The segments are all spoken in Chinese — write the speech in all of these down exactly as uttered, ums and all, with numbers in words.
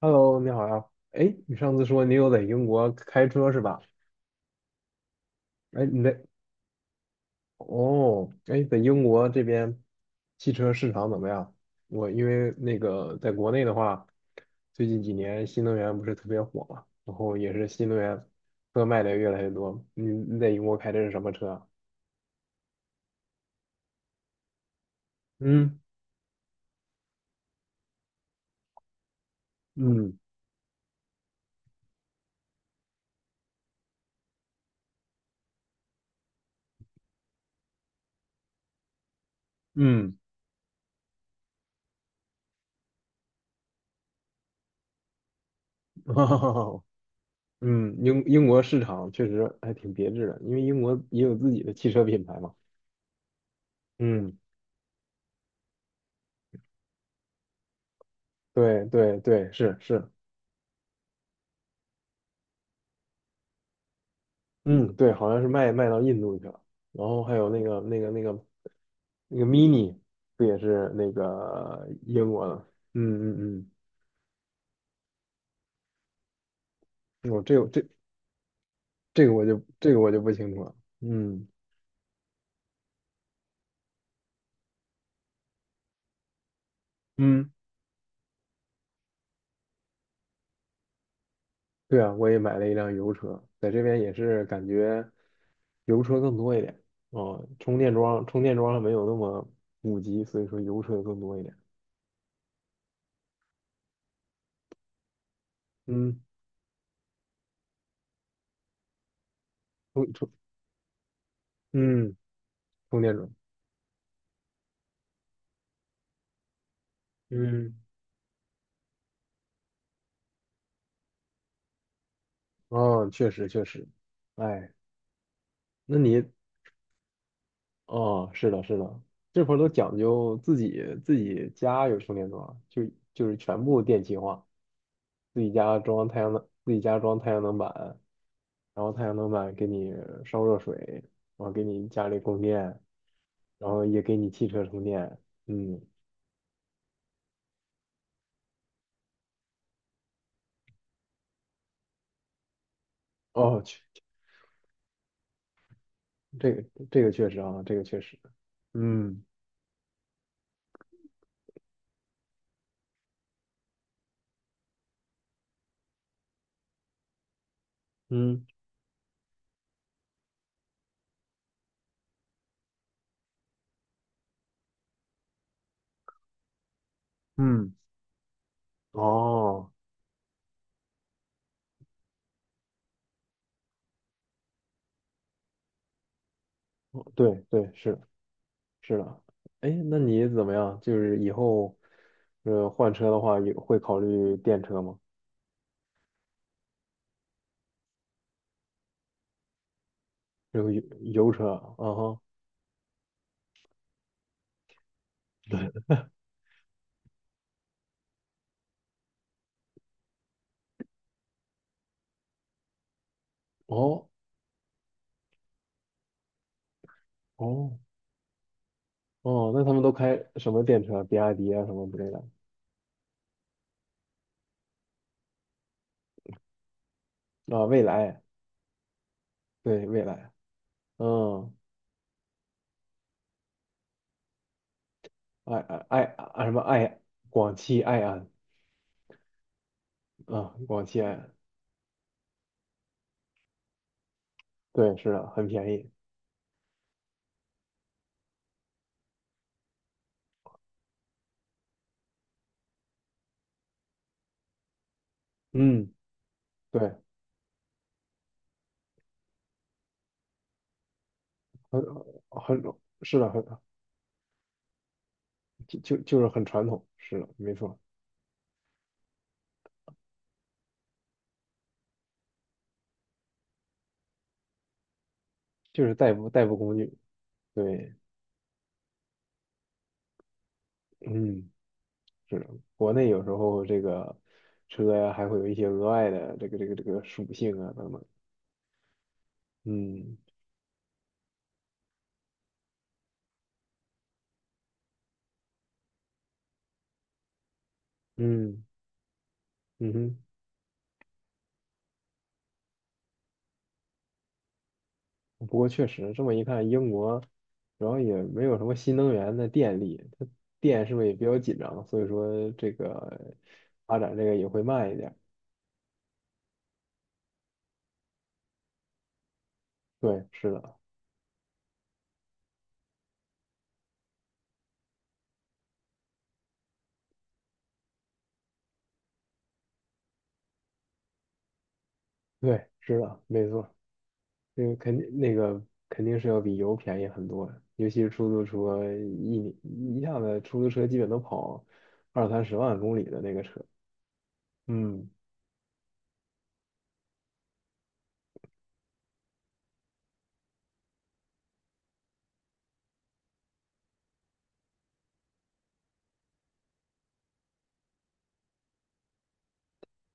Hello，你好呀。哎，你上次说你有在英国开车是吧？哎，你在哦，哎，在英国这边汽车市场怎么样？我因为那个在国内的话，最近几年新能源不是特别火嘛，然后也是新能源车卖的越来越多。你你在英国开的是什么车啊？嗯嗯嗯，哈哈，嗯，英英国市场确实还挺别致的，因为英国也有自己的汽车品牌嘛。嗯，对对对，是是。嗯，对，好像是卖卖到印度去了。然后还有那个那个那个那个 mini，不也是那个英国的？嗯嗯嗯，我、这个这这个我就这个我就不清楚了。嗯，嗯，对啊，我也买了一辆油车，在这边也是感觉油车更多一点。哦，充电桩充电桩还没有那么普及，所以说油车更多一点。嗯，充充嗯充电桩，嗯，哦，确实确实，哎，那你哦，是的，是的，这会儿都讲究自己自己家有充电桩，就就是全部电气化，自己家装太阳能，自己家装太阳能板，然后太阳能板给你烧热水，然后给你家里供电，然后也给你汽车充电。嗯，哦，去，这个这个确实啊，这个确实，嗯嗯嗯，哦，对对是。是的，哎，那你怎么样？就是以后，呃，换车的话，也会考虑电车吗？这个油油车，啊哈，对，哦哦哦，那他们都开什么电车？比亚迪啊什么之类的啊？蔚来，对，蔚来，嗯，爱爱爱什么爱广汽埃安啊，广汽埃安，对，是的，很便宜，嗯，对，很很是的，很就就就是很传统，是的，没错，就是代步代步工具，对。嗯，是的，国内有时候这个车呀，还会有一些额外的这个这个这个属性啊等等。嗯嗯嗯哼，不过确实这么一看，英国主要也没有什么新能源的电力，它电是不是也比较紧张？所以说这个发展这个也会慢一点。对，是的，对，是的，没错。那个肯定那个肯定是要比油便宜很多，尤其是出租车，一年一下子出租车基本都跑二三十万公里的那个车。嗯，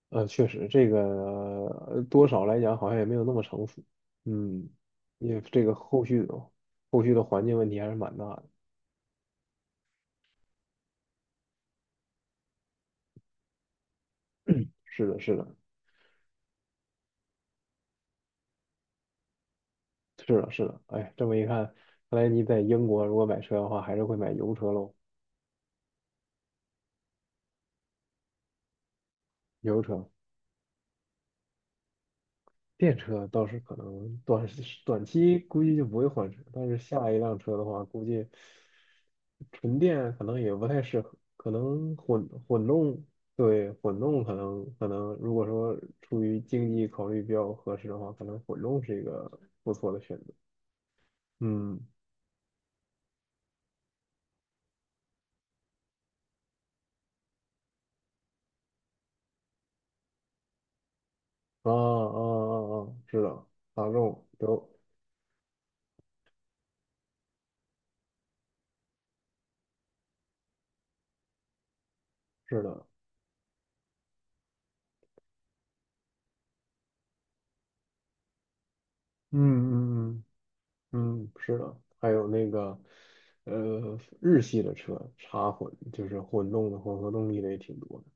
呃，确实这个呃多少来讲好像也没有那么成熟。嗯，因为这个后续的后续的环境问题还是蛮大的。是的，是的，是的，是的。哎，这么一看，看来你在英国如果买车的话，还是会买油车喽，油车。电车倒是可能短时短期估计就不会换车，但是下一辆车的话，估计纯电可能也不太适合，可能混混动，对，混动可能可能如果说出于经济考虑比较合适的话，可能混动是一个不错的选择。嗯，啊啊啊啊，是的，大众都是的，嗯嗯嗯。嗯，是的，还有那个，呃，日系的车插混，就是混动的混合动力的也挺多的。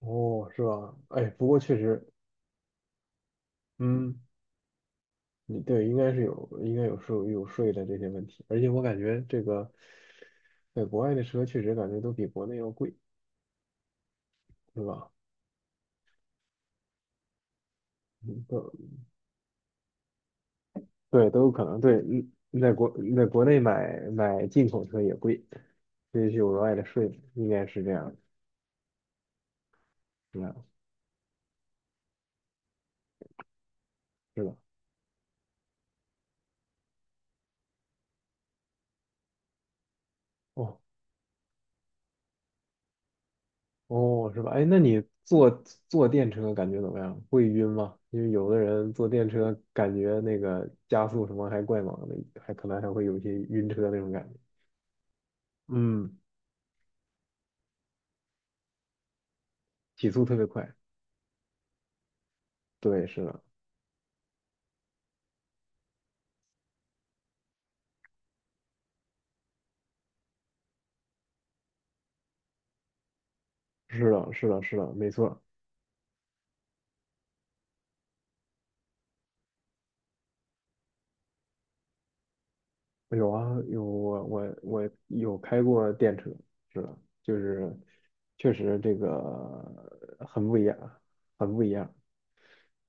哦，是吧？哎，不过确实，嗯，你对，应该是有，应该有税有税的这些问题。而且我感觉这个，在国外的车确实感觉都比国内要贵，是吧？嗯都对，都有可能对。嗯，在国在国内买买进口车也贵，这是有额外的税的应该是这样的。是吧？是的。哦，哦，是吧？哎，那你坐坐电车感觉怎么样？会晕吗？因为有的人坐电车感觉那个加速什么还怪猛的，还可能还会有一些晕车那种感觉。嗯，提速特别快。对，是的，是的，是的，是的，没错。有啊，有我我我有开过电车，是的，就是确实这个很不一样，很不一样。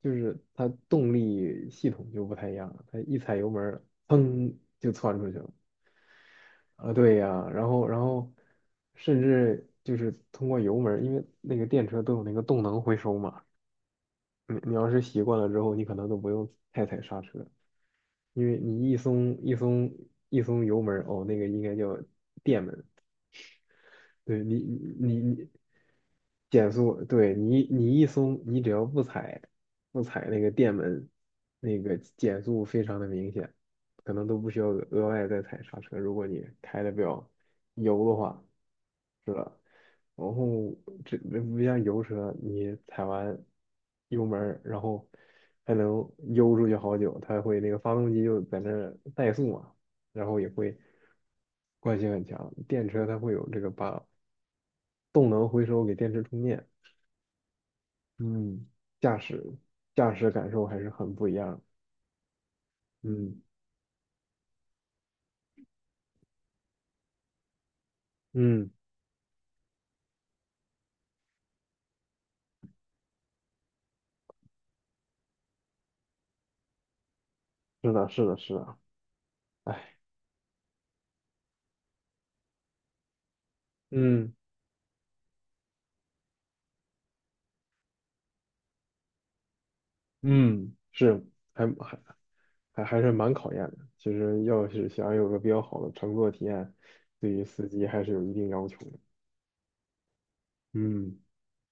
就是它动力系统就不太一样了，它一踩油门儿，砰就窜出去了。啊，对呀，然后然后甚至就是通过油门儿，因为那个电车都有那个动能回收嘛，你你要是习惯了之后，你可能都不用太踩刹车，因为你一松一松一松油门儿，哦，那个应该叫电门，对你你你减速，对你你一松，你只要不踩不踩那个电门，那个减速非常的明显，可能都不需要额外再踩刹车。如果你开的比较油的话，是吧？然后这不像油车，你踩完油门儿，然后还能悠出去好久，它会那个发动机就在那儿怠速嘛，然后也会惯性很强。电车它会有这个把动能回收给电池充电，嗯，驾驶驾驶感受还是很不一样，嗯嗯，是的，是的，是的，哎，嗯嗯，是还还还还是蛮考验的。其实要是想有个比较好的乘坐体验，对于司机还是有一定要求的。嗯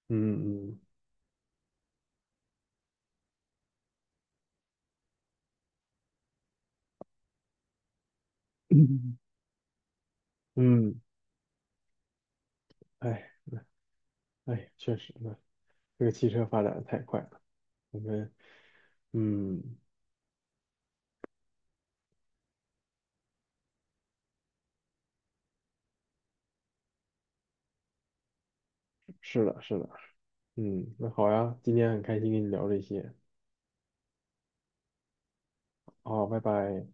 嗯嗯 嗯，哎哎，确实呢，这个汽车发展的太快了，我们嗯，是的，是的。嗯，那好呀，今天很开心跟你聊这些。好，拜拜。